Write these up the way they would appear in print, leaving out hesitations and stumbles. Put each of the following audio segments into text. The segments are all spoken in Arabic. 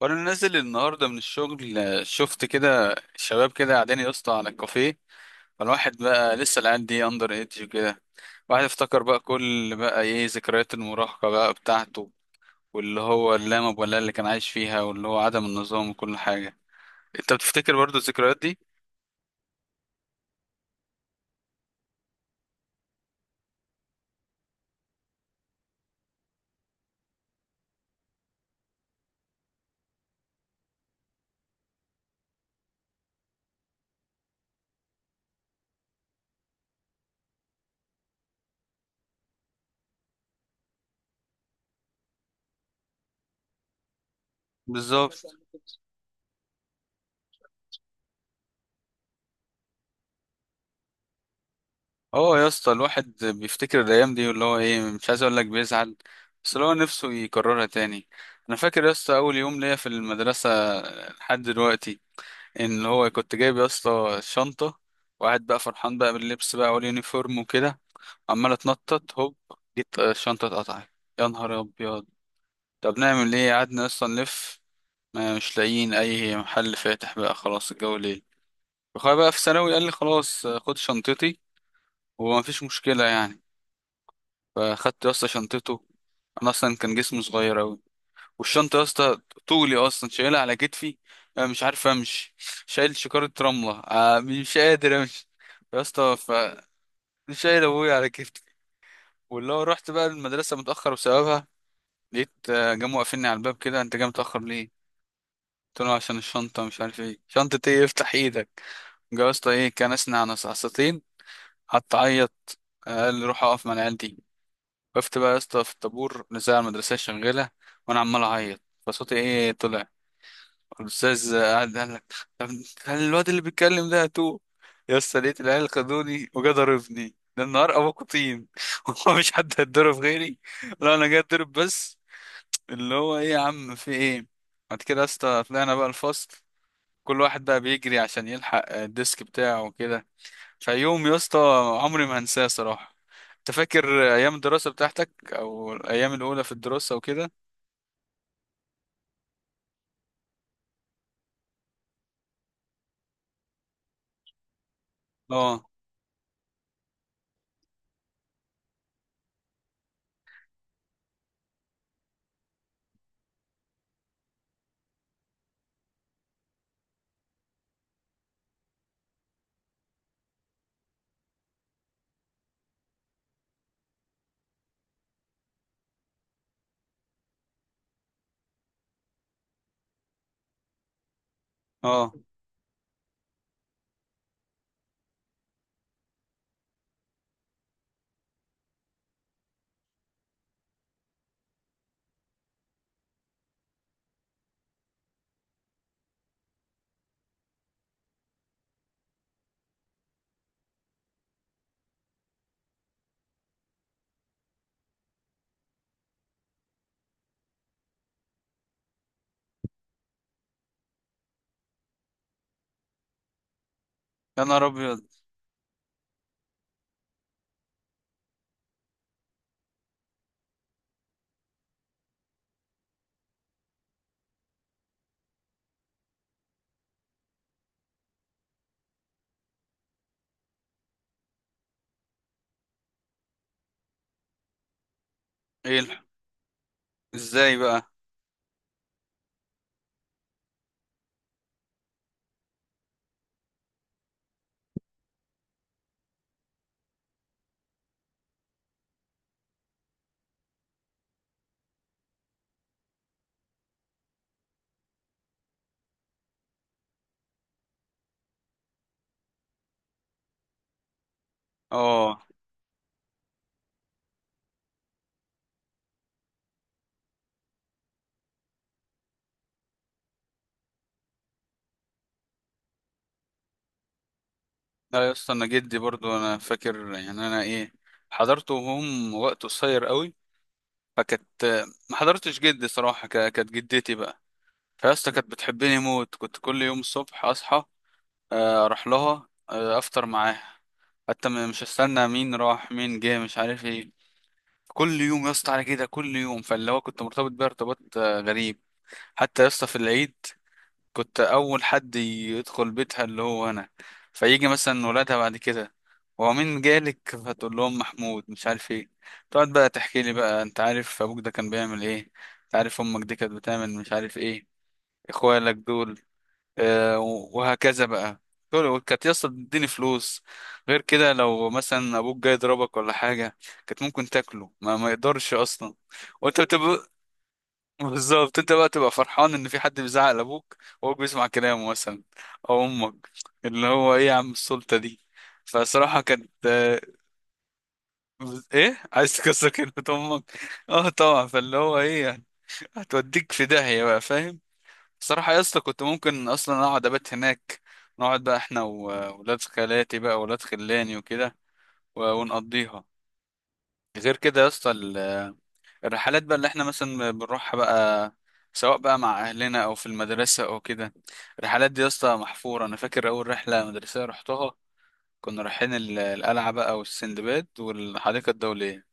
وانا نازل النهارده من الشغل، شفت كده شباب كده قاعدين يا اسطى على الكافيه. فالواحد بقى لسه العيال دي اندر ايدج وكده. واحد افتكر بقى كل بقى ايه ذكريات المراهقه بقى بتاعته، واللي هو اللامب ولا اللي كان عايش فيها واللي هو عدم النظام وكل حاجه. انت بتفتكر برضو الذكريات دي؟ بالظبط. اه يا اسطى، الواحد بيفتكر الايام دي واللي هو ايه مش عايز اقول لك بيزعل، بس اللي هو نفسه يكررها تاني. انا فاكر يا اسطى اول يوم ليا في المدرسه لحد دلوقتي. ان هو كنت جايب يا اسطى شنطه، وقاعد بقى فرحان بقى باللبس بقى واليونيفورم وكده، عمال اتنطط هوب. جيت الشنطه اتقطعت. يا نهار ابيض. طب نعمل ايه؟ قعدنا اصلا نلف، ما مش لاقيين اي محل فاتح بقى، خلاص الجو ليل. اخويا بقى في ثانوي قال لي خلاص، خد شنطتي، وما فيش مشكله يعني. فاخدت يا اسطى شنطته. انا اصلا كان جسمي صغير اوي، والشنطة يا اسطى طولي أصلا، شايلها على كتفي، أنا مش عارف أمشي. شايل شكارة رملة، مش قادر أمشي يا اسطى شايل أبويا على كتفي. واللي هو رحت بقى المدرسة متأخر بسببها. لقيت جم واقفيني على الباب كده. أنت جاي متأخر ليه؟ قلت له عشان الشنطة مش عارف ايه. شنطة ايه؟ افتح ايدك. جا يا اسطى ايه، كان أسنع نصعصتين، حط عيط. قال لي روح أقف مع العيال دي. وقفت بقى يا اسطى في الطابور، الإذاعة المدرسية شغالة، وأنا عمال أعيط فصوتي ايه طلع. الاستاذ قعد قال لك، طب هل الواد اللي بيتكلم ده تو. يا اسطى لقيت العيال خدوني وجا ضربني، ده النهار ابوكوا طين. هو مش حد هيتضرب غيري؟ لا انا جاي اتضرب بس. اللي هو ايه يا عم، في ايه؟ بعد كده يا اسطى طلعنا بقى الفصل، كل واحد بقى بيجري عشان يلحق الديسك بتاعه وكده. فيوم يا اسطى عمري ما هنساه صراحة. انت فاكر ايام الدراسة بتاعتك او الايام الاولى في الدراسة وكده؟ اه. اه. يا نهار ابيض. ايه ازاي بقى؟ اه. لا يا اسطى، انا جدي برضو، انا فاكر يعني انا ايه حضرته وهم وقت قصير قوي. فكانت، ما حضرتش جدي صراحه. كانت جدتي بقى. فيا اسطى كانت بتحبني موت. كنت كل يوم الصبح اصحى، اروح لها، افطر معاها. حتى مش هستنى مين راح مين جه مش عارف ايه. كل يوم يا اسطى على كده، كل يوم. فاللي هو كنت مرتبط بيها ارتباط غريب. حتى يا اسطى في العيد كنت اول حد يدخل بيتها، اللي هو انا. فيجي مثلا ولادها بعد كده: هو مين جالك؟ فتقول لهم محمود مش عارف ايه. تقعد بقى تحكي لي بقى: انت عارف ابوك ده كان بيعمل ايه؟ انت عارف امك دي كانت بتعمل مش عارف ايه؟ اخوالك دول. آه وهكذا بقى. دول كانت يسطا تديني فلوس. غير كده لو مثلا ابوك جاي يضربك ولا حاجه، كانت ممكن تاكله. ما يقدرش اصلا. وانت بتبقى، بالظبط، انت بقى تبقى فرحان ان في حد بيزعق لابوك وهو بيسمع كلامه مثلا، او امك. اللي هو ايه يا عم، السلطه دي. فصراحه كانت ايه، عايز تكسر كلمه امك. اه طبعا. فاللي هو ايه يعني، هتوديك في داهيه بقى فاهم. صراحه يا اسطى كنت ممكن اصلا اقعد ابات هناك. نقعد بقى احنا وولاد خالاتي بقى ولاد خلاني وكده ونقضيها. غير كده يا اسطى الرحلات بقى اللي احنا مثلا بنروحها بقى، سواء بقى مع اهلنا او في المدرسه او كده، الرحلات دي يا اسطى محفوره. انا فاكر اول رحله مدرسيه رحتها، كنا رايحين القلعه بقى والسندباد والحديقه الدوليه.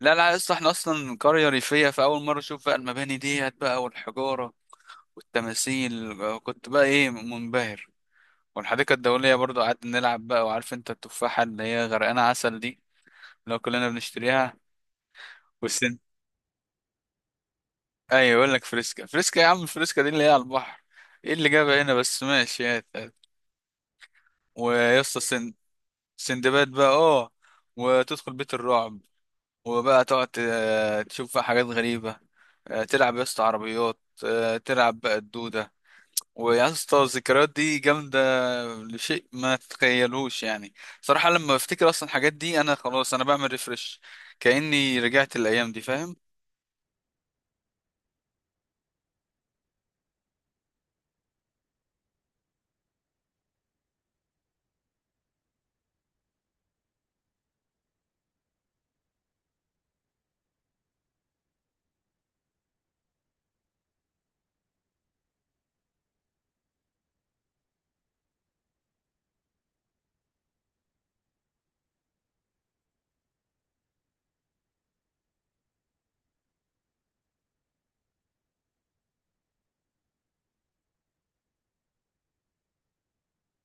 لا لا يا اسطى احنا اصلا قريه ريفيه، فاول مره اشوف بقى المباني ديت بقى والحجاره والتماثيل. كنت بقى ايه منبهر. والحديقه الدوليه برضو قعدنا نلعب بقى. وعارف انت التفاحه اللي هي غرقانه عسل دي، اللي هو كلنا بنشتريها. ايوه، يقول لك فريسكا، فريسكا يا عم، فريسكا دي اللي هي على البحر. ايه اللي جابها هنا بس؟ ماشي يا تقل. ويا اسطى سندباد بقى، اه. وتدخل بيت الرعب، وبقى تقعد تشوف بقى حاجات غريبة. تلعب يا اسطى عربيات، تلعب بقى الدودة. ويا اسطى الذكريات دي جامدة لشيء ما تتخيلوش يعني. صراحة لما بفتكر اصلا الحاجات دي، انا خلاص انا بعمل ريفرش، كأني رجعت الايام دي فاهم.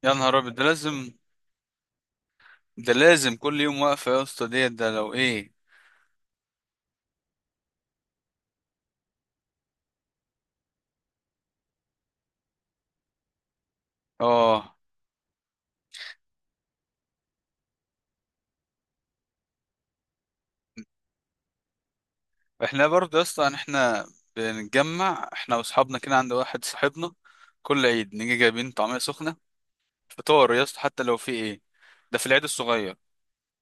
يا نهار ابيض، ده لازم. ده لازم كل يوم واقفة يا اسطى ديت، ده لو ايه. اه. احنا برضه اصلا احنا بنتجمع احنا واصحابنا كده عند واحد صاحبنا. كل عيد نيجي جايبين طعمية سخنة، فطار يا اسطى حتى لو في ايه. ده في العيد الصغير.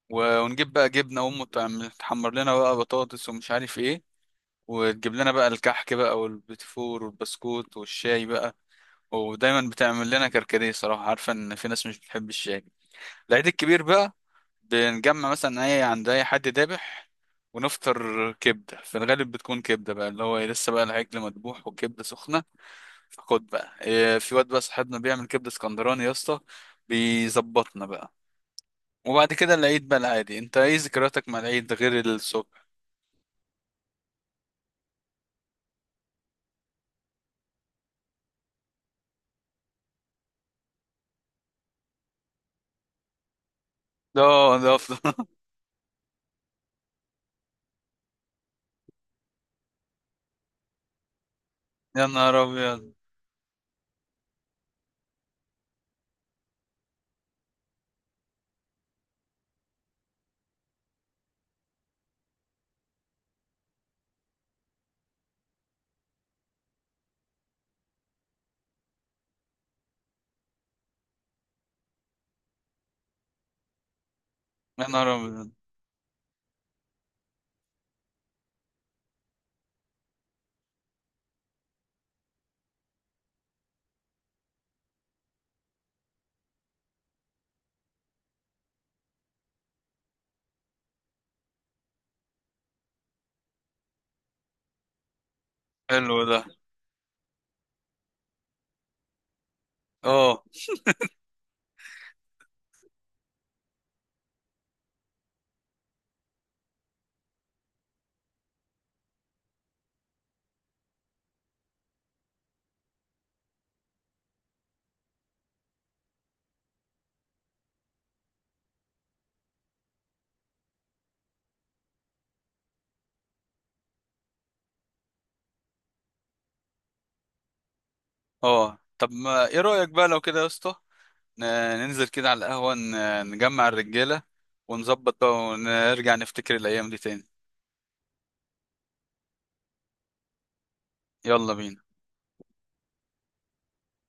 ونجيب بقى جبنة، وامه تعمل تحمر لنا بقى بطاطس ومش عارف ايه، وتجيب لنا بقى الكحك بقى والبتفور والبسكوت والشاي بقى، ودايما بتعمل لنا كركديه، صراحة عارفة ان في ناس مش بتحب الشاي. العيد الكبير بقى، بنجمع مثلا اي عند اي حد ذابح ونفطر كبده. في الغالب بتكون كبده بقى، اللي هو لسه بقى العجل مذبوح والكبده سخنه. فخد بقى في واد بقى صاحبنا بيعمل كبده اسكندراني يا اسطى، بيظبطنا بقى. وبعد كده العيد بقى العادي. انت ايه ذكرياتك مع العيد غير الصبح؟ ده أفضل. يا نهار ابيض. يا نهار ابيض. حلو ده. اه. اه طب ما ايه رايك بقى لو كده يا اسطى، ن- ننزل كده على القهوة، نجمع الرجالة ونظبط بقى، ونرجع نفتكر الأيام دي تاني. يلا بينا.